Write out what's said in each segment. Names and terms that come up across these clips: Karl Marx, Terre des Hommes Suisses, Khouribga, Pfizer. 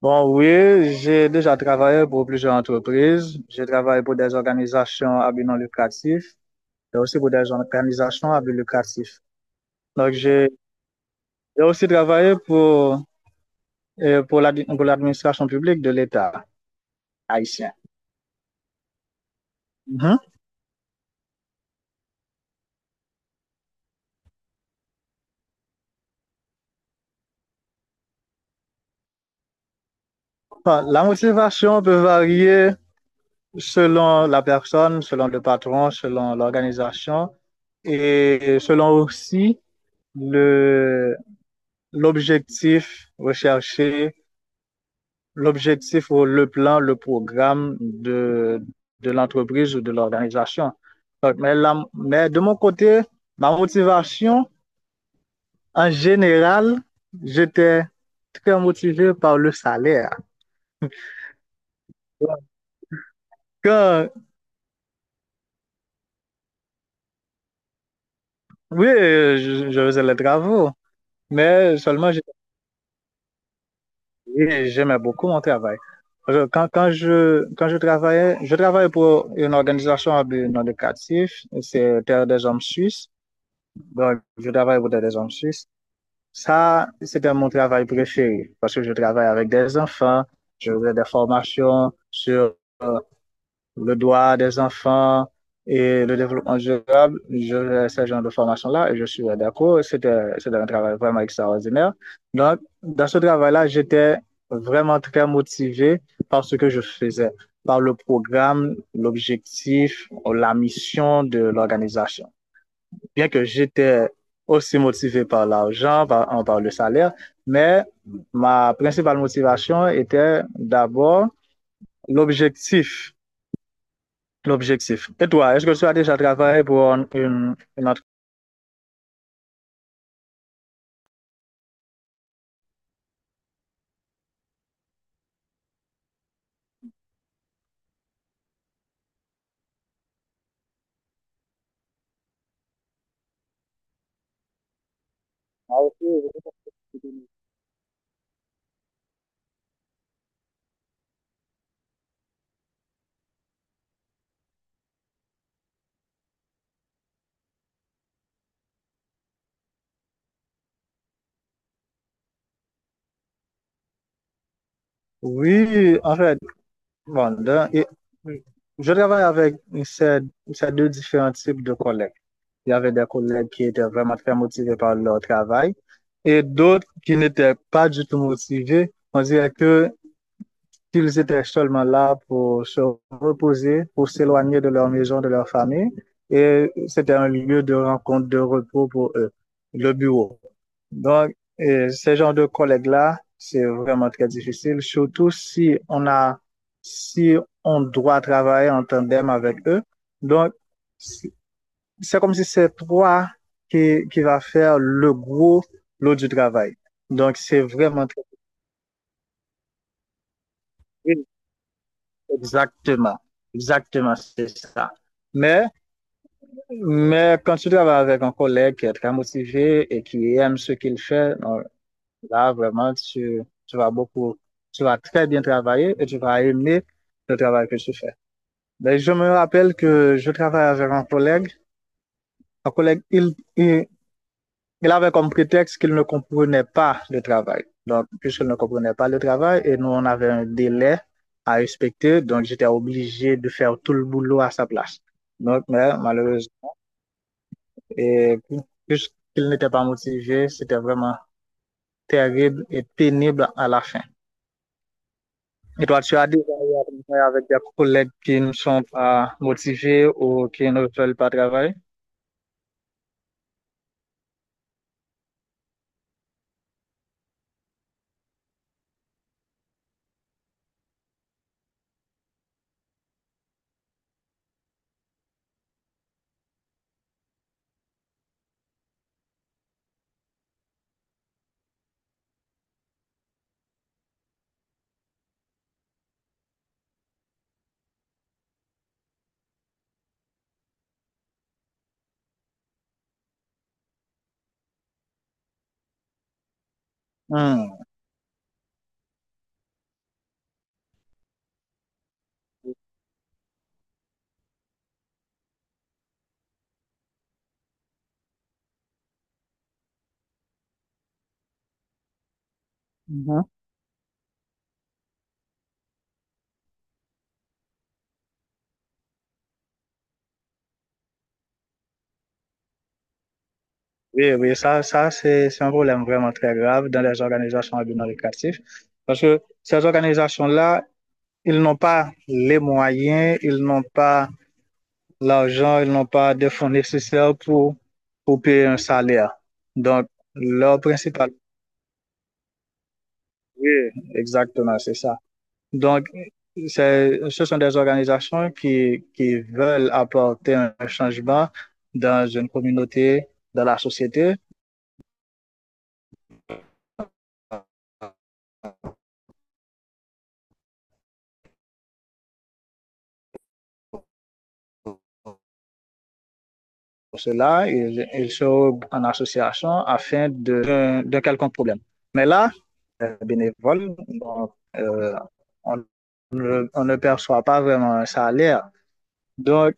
Bon, oui, j'ai déjà travaillé pour plusieurs entreprises. J'ai travaillé pour des organisations à but non lucratif et aussi pour des organisations à but lucratif. Donc, j'ai aussi travaillé pour pour l'administration publique de l'État haïtien. Mhm. Bon, la motivation peut varier selon la personne, selon le patron, selon l'organisation et selon aussi le, l'objectif recherché, l'objectif ou le plan, le programme de l'entreprise ou de l'organisation. Mais, mais de mon côté, ma motivation, en général, j'étais très motivé par le salaire. Quand, oui, je faisais les travaux, mais seulement j'aimais beaucoup mon travail. Quand, quand je travaillais pour une organisation à non lucratif, c'est Terre des Hommes Suisses. Donc, je travaille pour Terre des Hommes Suisses. Ça, c'était mon travail préféré parce que je travaille avec des enfants, je fais des formations sur le droit des enfants et le développement durable. Je fais ce genre de formation-là et je suis d'accord. C'était un travail vraiment extraordinaire. Donc, dans ce travail-là, j'étais vraiment très motivé par ce que je faisais, par le programme, l'objectif, la mission de l'organisation, bien que j'étais aussi motivé par l'argent, par le salaire, mais ma principale motivation était d'abord l'objectif. L'objectif. Et toi, est-ce que tu as déjà travaillé pour une entreprise? Oui, en fait, bon, je travaille avec ces, ces deux différents types de collègues. Il y avait des collègues qui étaient vraiment très motivés par leur travail et d'autres qui n'étaient pas du tout motivés. On dirait que qu'ils étaient seulement là pour se reposer, pour s'éloigner de leur maison, de leur famille. Et c'était un lieu de rencontre, de repos pour eux, le bureau. Donc, et ce genre de collègues-là, c'est vraiment très difficile, surtout si on a, si on doit travailler en tandem avec eux. Donc, c'est comme si c'est toi qui va faire le gros lot du travail. Donc, c'est vraiment très difficile. Exactement, exactement, c'est ça. Mais, mais quand tu travailles avec un collègue qui est très motivé et qui aime ce qu'il fait, non, là, vraiment, tu vas beaucoup, tu vas très bien travailler et tu vas aimer le travail que tu fais. Mais je me rappelle que je travaille avec un collègue. Un collègue, il avait comme prétexte qu'il ne comprenait pas le travail. Donc, puisqu'il ne comprenait pas le travail, et nous, on avait un délai à respecter, donc j'étais obligé de faire tout le boulot à sa place. Donc, mais malheureusement, et puisqu'il n'était pas motivé, c'était vraiment terrible et pénible à la fin. Et toi, tu as déjà eu avec des collègues qui ne sont pas motivés ou qui ne veulent pas travailler? Mmh. Mmh. Oui, oui, ça c'est un problème vraiment très grave dans les organisations à but non lucratif parce que ces organisations-là, ils n'ont pas les moyens, ils n'ont pas l'argent, ils n'ont pas des fonds nécessaires pour payer un salaire. Donc, leur principal… Oui, exactement, c'est ça. Donc, ce sont des organisations qui veulent apporter un changement dans une communauté, dans la société. Pour cela, ils sont en association afin de quelconque problème. Mais là, les bénévoles, donc, on, on ne perçoit pas vraiment un salaire. Donc,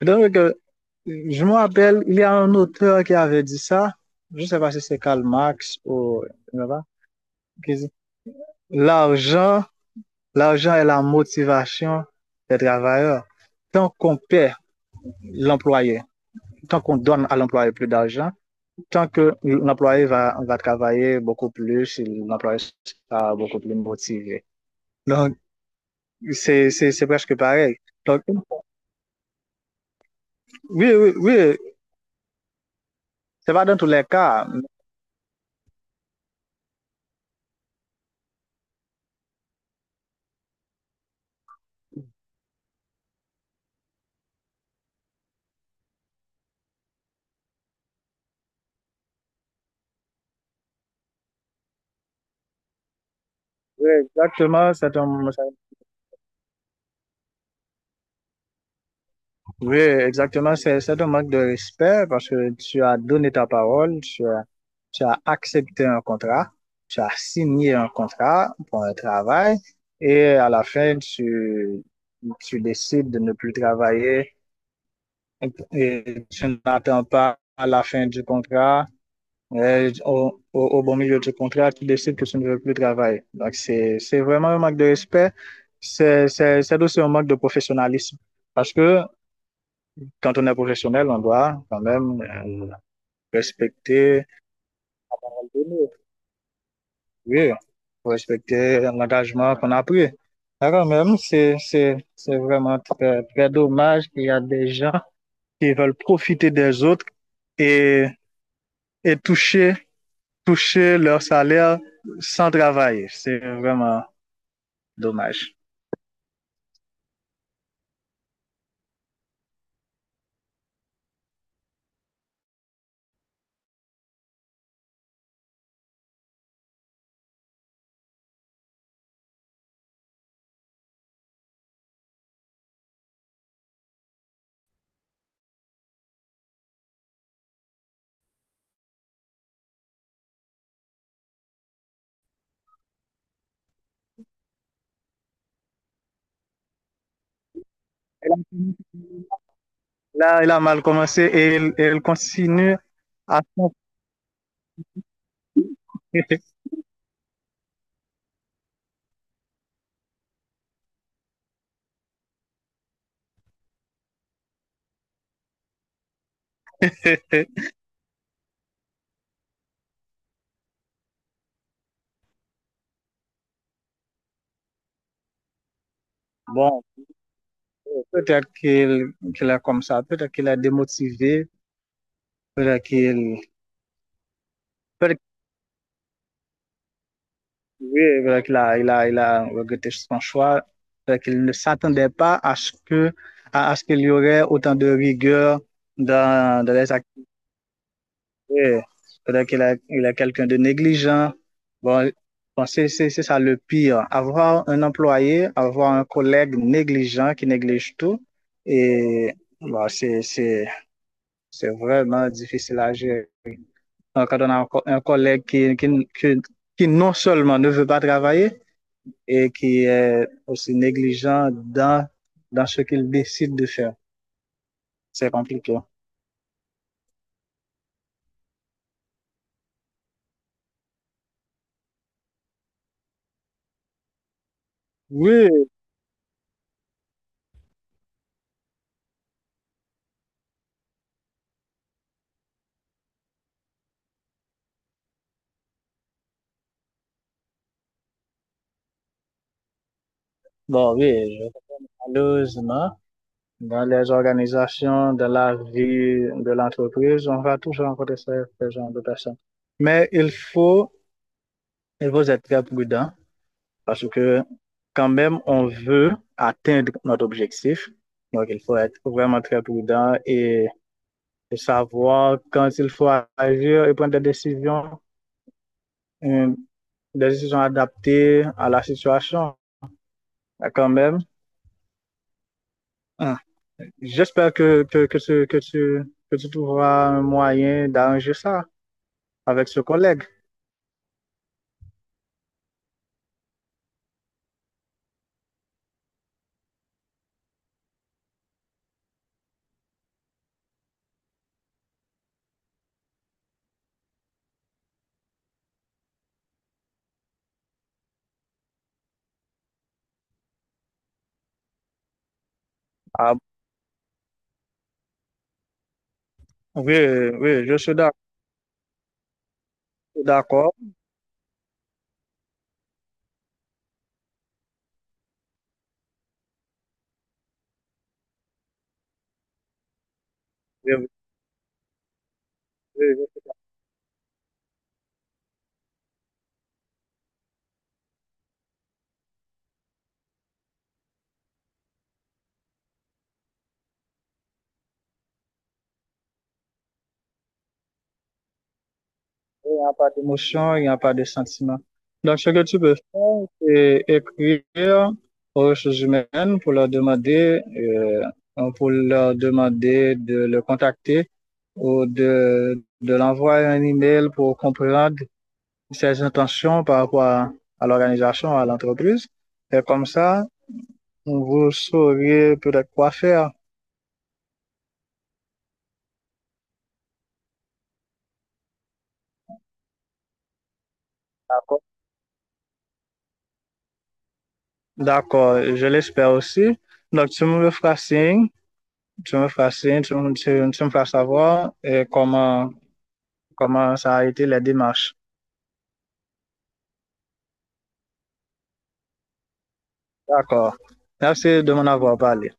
donc, je me rappelle, il y a un auteur qui avait dit ça. Je ne sais pas si c'est Karl Marx ou l'argent, l'argent est la motivation des travailleurs. Tant qu'on paie l'employé, tant qu'on donne à l'employé plus d'argent, tant que l'employé va travailler beaucoup plus, l'employé sera beaucoup plus motivé. Donc, c'est presque pareil. Donc, oui, oui, oui, c'est pas dans tous les cas. Oui, exactement, oui, exactement, c'est un manque de respect parce que tu as donné ta parole, tu as accepté un contrat, tu as signé un contrat pour un travail et à la fin, tu décides de ne plus travailler et tu n'attends pas à la fin du contrat, bon milieu du contrat, tu décides que tu ne veux plus travailler. Donc, c'est vraiment un manque de respect. C'est aussi un manque de professionnalisme. Parce que quand on est professionnel, on doit quand même respecter, oui, respecter l'engagement qu'on a pris. Alors même, c'est vraiment très, très dommage qu'il y a des gens qui veulent profiter des autres et, et toucher toucher leur salaire sans travailler. C'est vraiment dommage. Là, il a mal commencé et il continue à s'entraîner. Bon, peut-être qu'il est comme ça, peut-être qu'il est démotivé, peut-être qu'il peut-être qu'il oui, peut-être qu'il a, il a, il a regretté son choix, peut-être qu'il ne s'attendait pas à ce que à ce qu'il y aurait autant de rigueur dans, dans les activités. Ouais. C'est-à-dire il a quelqu'un de négligent. Bon, bon, c'est ça le pire. Avoir un employé, avoir un collègue négligent qui néglige tout, et bon, c'est vraiment difficile à gérer. Donc, quand on a un collègue qui, qui non seulement ne veut pas travailler, et qui est aussi négligent dans, dans ce qu'il décide de faire, c'est compliqué. Oui, bon, malheureusement. Dans les organisations, dans la vie de l'entreprise, on va toujours rencontrer ce genre de personnes. Mais il faut, il faut être très prudent parce que quand même, on veut atteindre notre objectif. Donc, il faut être vraiment très prudent et savoir quand il faut agir et prendre euh, des décisions adaptées à la situation quand même. Hein, j'espère que tu trouveras un moyen d'arranger ça avec ce collègue. Ah, oui, oui, je suis d'accord. Oui, oui, oui, oui. Il n'y a pas d'émotion, il n'y a pas de sentiment. Donc, ce que tu peux faire, c'est écrire aux ressources humaines pour leur demander de le contacter ou de l'envoyer un email pour comprendre ses intentions par rapport à l'organisation, à l'entreprise. Et comme ça, vous saurez peut-être quoi faire. D'accord, je l'espère aussi. Donc, tu me feras signe, tu me feras signe, tu me feras savoir comment, comment ça a été les démarches. D'accord. Merci de m'en avoir parlé.